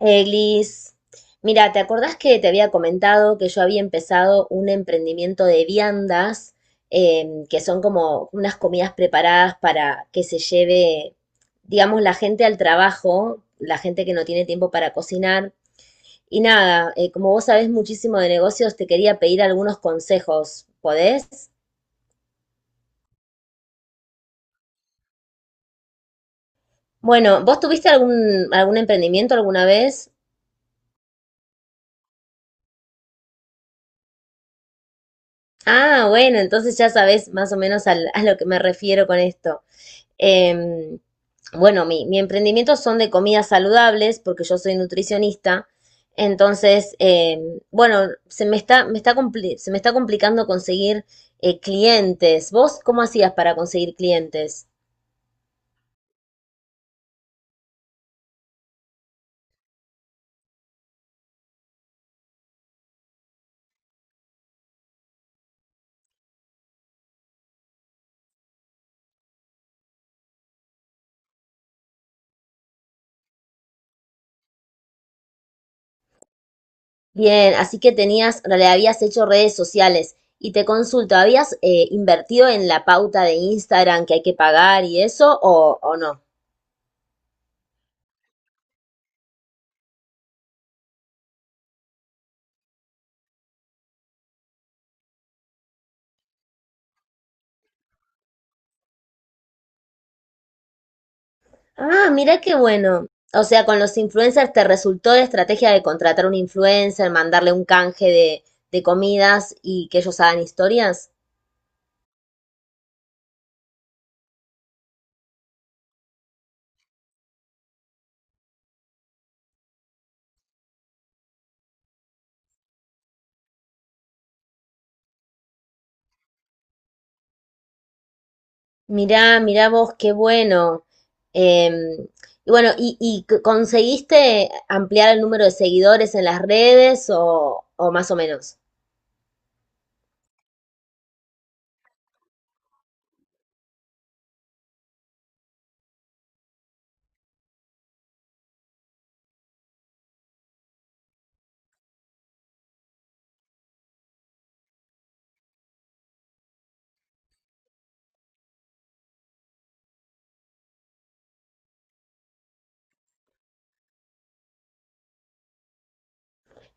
Eglis, mira, ¿te acordás que te había comentado que yo había empezado un emprendimiento de viandas, que son como unas comidas preparadas para que se lleve, digamos, la gente al trabajo, la gente que no tiene tiempo para cocinar? Y nada, como vos sabés muchísimo de negocios, te quería pedir algunos consejos, ¿podés? Bueno, ¿vos tuviste algún emprendimiento alguna vez? Ah, bueno, entonces ya sabés más o menos a lo que me refiero con esto. Em, bueno, mi emprendimiento son de comidas saludables, porque yo soy nutricionista. Entonces, bueno, se me está complicando conseguir clientes. ¿Vos cómo hacías para conseguir clientes? Bien, así que tenías, le habías hecho redes sociales y te consulto, ¿habías invertido en la pauta de Instagram que hay que pagar y eso o no? Ah, mira qué bueno. O sea, con los influencers te resultó la estrategia de contratar un influencer, mandarle un canje de comidas y que ellos hagan historias. Mirá, mirá vos, qué bueno. Em, y bueno, conseguiste ampliar el número de seguidores en las redes o más o menos?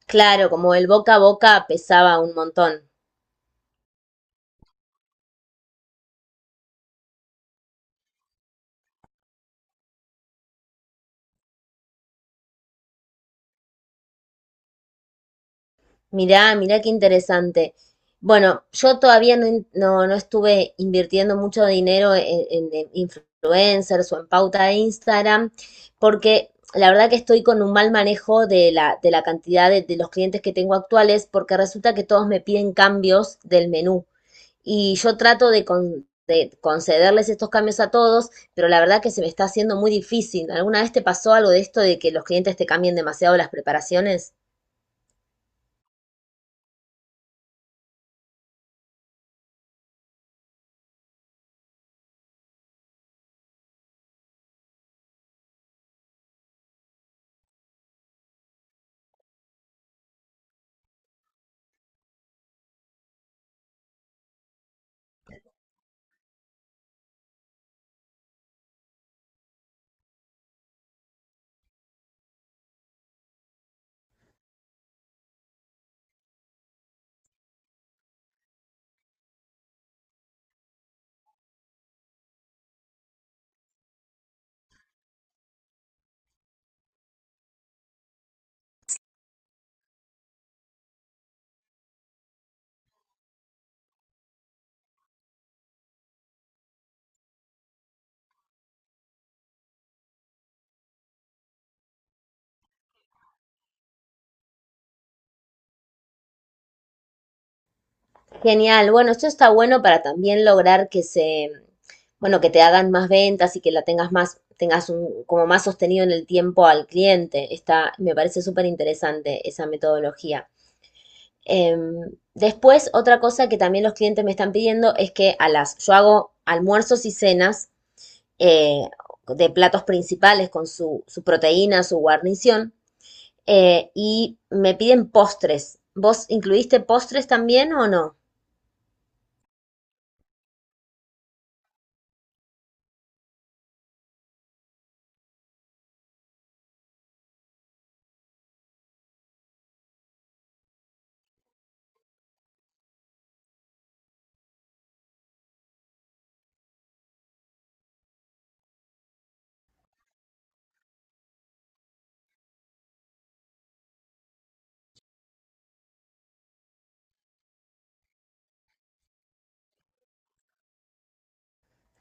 Claro, como el boca a boca pesaba un montón. Mirá, mirá qué interesante. Bueno, yo todavía no estuve invirtiendo mucho dinero en influencers o en pauta de Instagram, porque la verdad que estoy con un mal manejo de de la cantidad de los clientes que tengo actuales, porque resulta que todos me piden cambios del menú y yo trato de concederles estos cambios a todos, pero la verdad que se me está haciendo muy difícil. ¿Alguna vez te pasó algo de esto de que los clientes te cambien demasiado las preparaciones? Genial. Bueno, esto está bueno para también lograr que bueno, que te hagan más ventas y que la tengas más, tengas un, como más sostenido en el tiempo al cliente. Está, me parece súper interesante esa metodología. Después, otra cosa que también los clientes me están pidiendo es que a las, yo hago almuerzos y cenas eh, de platos principales con su proteína, su guarnición, y me piden postres. ¿Vos incluiste postres también o no?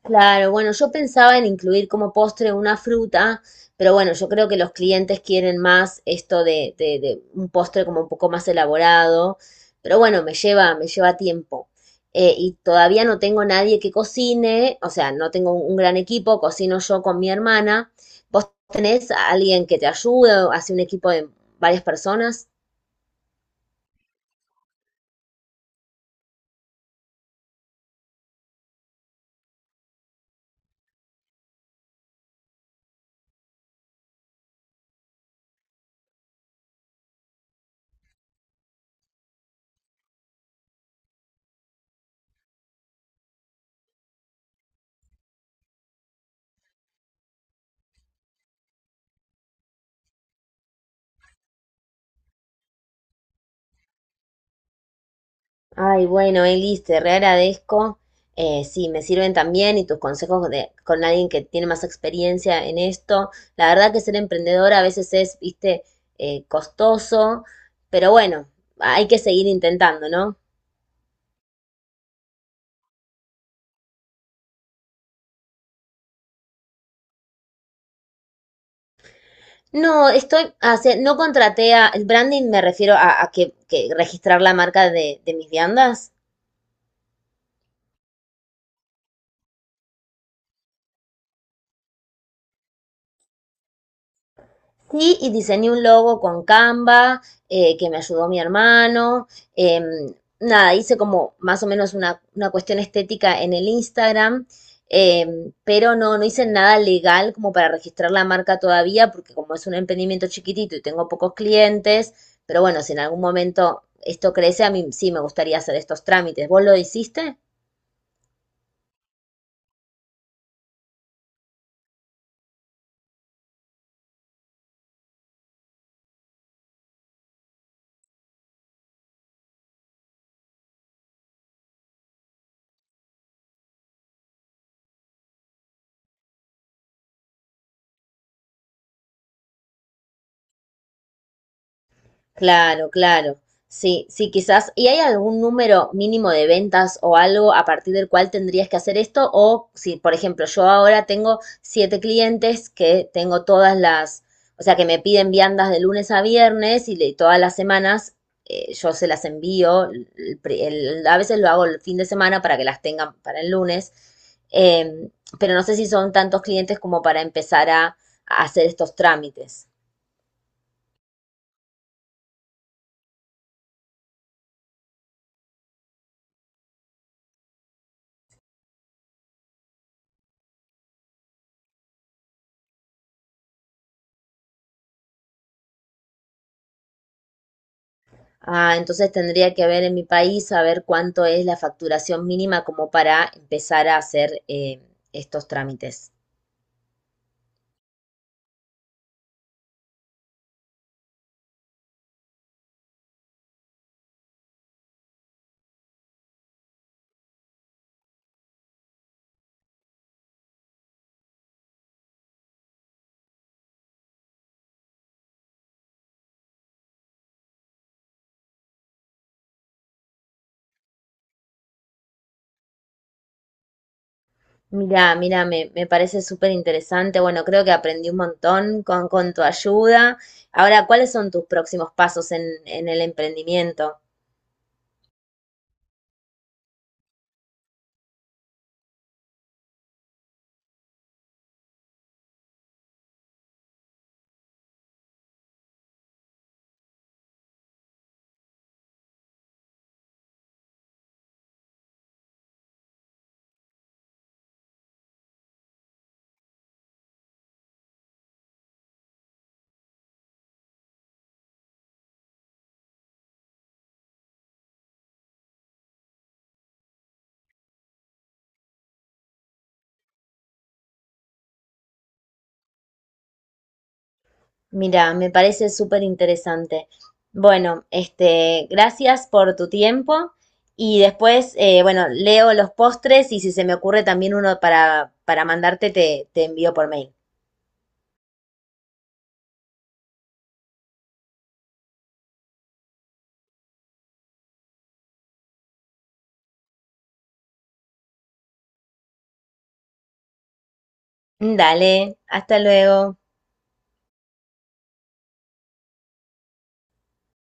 Claro, bueno, yo pensaba en incluir como postre una fruta, pero bueno, yo creo que los clientes quieren más esto de un postre como un poco más elaborado, pero bueno, me lleva tiempo. Y todavía no tengo nadie que cocine, o sea, no tengo un gran equipo, cocino yo con mi hermana. ¿Vos tenés a alguien que te ayude o hace un equipo de varias personas? Ay, bueno, Elis, te re agradezco. Sí, me sirven también y tus consejos de, con alguien que tiene más experiencia en esto. La verdad que ser emprendedora a veces es, viste, costoso, pero bueno, hay que seguir intentando, ¿no? No, estoy, no contraté a, el branding me refiero a que registrar la marca de mis viandas. Sí, y diseñé un logo con Canva, que me ayudó mi hermano. Em, Nada, hice como más o menos una cuestión estética en el Instagram, pero no hice nada legal como para registrar la marca todavía, porque como es un emprendimiento chiquitito y tengo pocos clientes, pero bueno, si en algún momento esto crece, a mí sí me gustaría hacer estos trámites. ¿Vos lo hiciste? Claro, claro. Sí, sí, quizás. ¿Y hay algún número mínimo de ventas o algo a partir del cual tendrías que hacer esto? O si, por ejemplo, yo ahora tengo siete clientes que tengo todas las, o sea, que me piden viandas de lunes a viernes todas las semanas yo se las envío. El a veces lo hago el fin de semana para que las tengan para el lunes. em, pero no sé si son tantos clientes como para empezar a hacer estos trámites. Ah, entonces tendría que ver en mi país a ver cuánto es la facturación mínima como para empezar a hacer estos trámites. Mira, mira, me parece súper interesante. Bueno, creo que aprendí un montón con tu ayuda. Ahora, ¿cuáles son tus próximos pasos en el emprendimiento? Mira, me parece súper interesante. Bueno, este, gracias por tu tiempo y después, bueno, leo los postres y si se me ocurre también uno para mandarte, te envío por mail. Dale, hasta luego.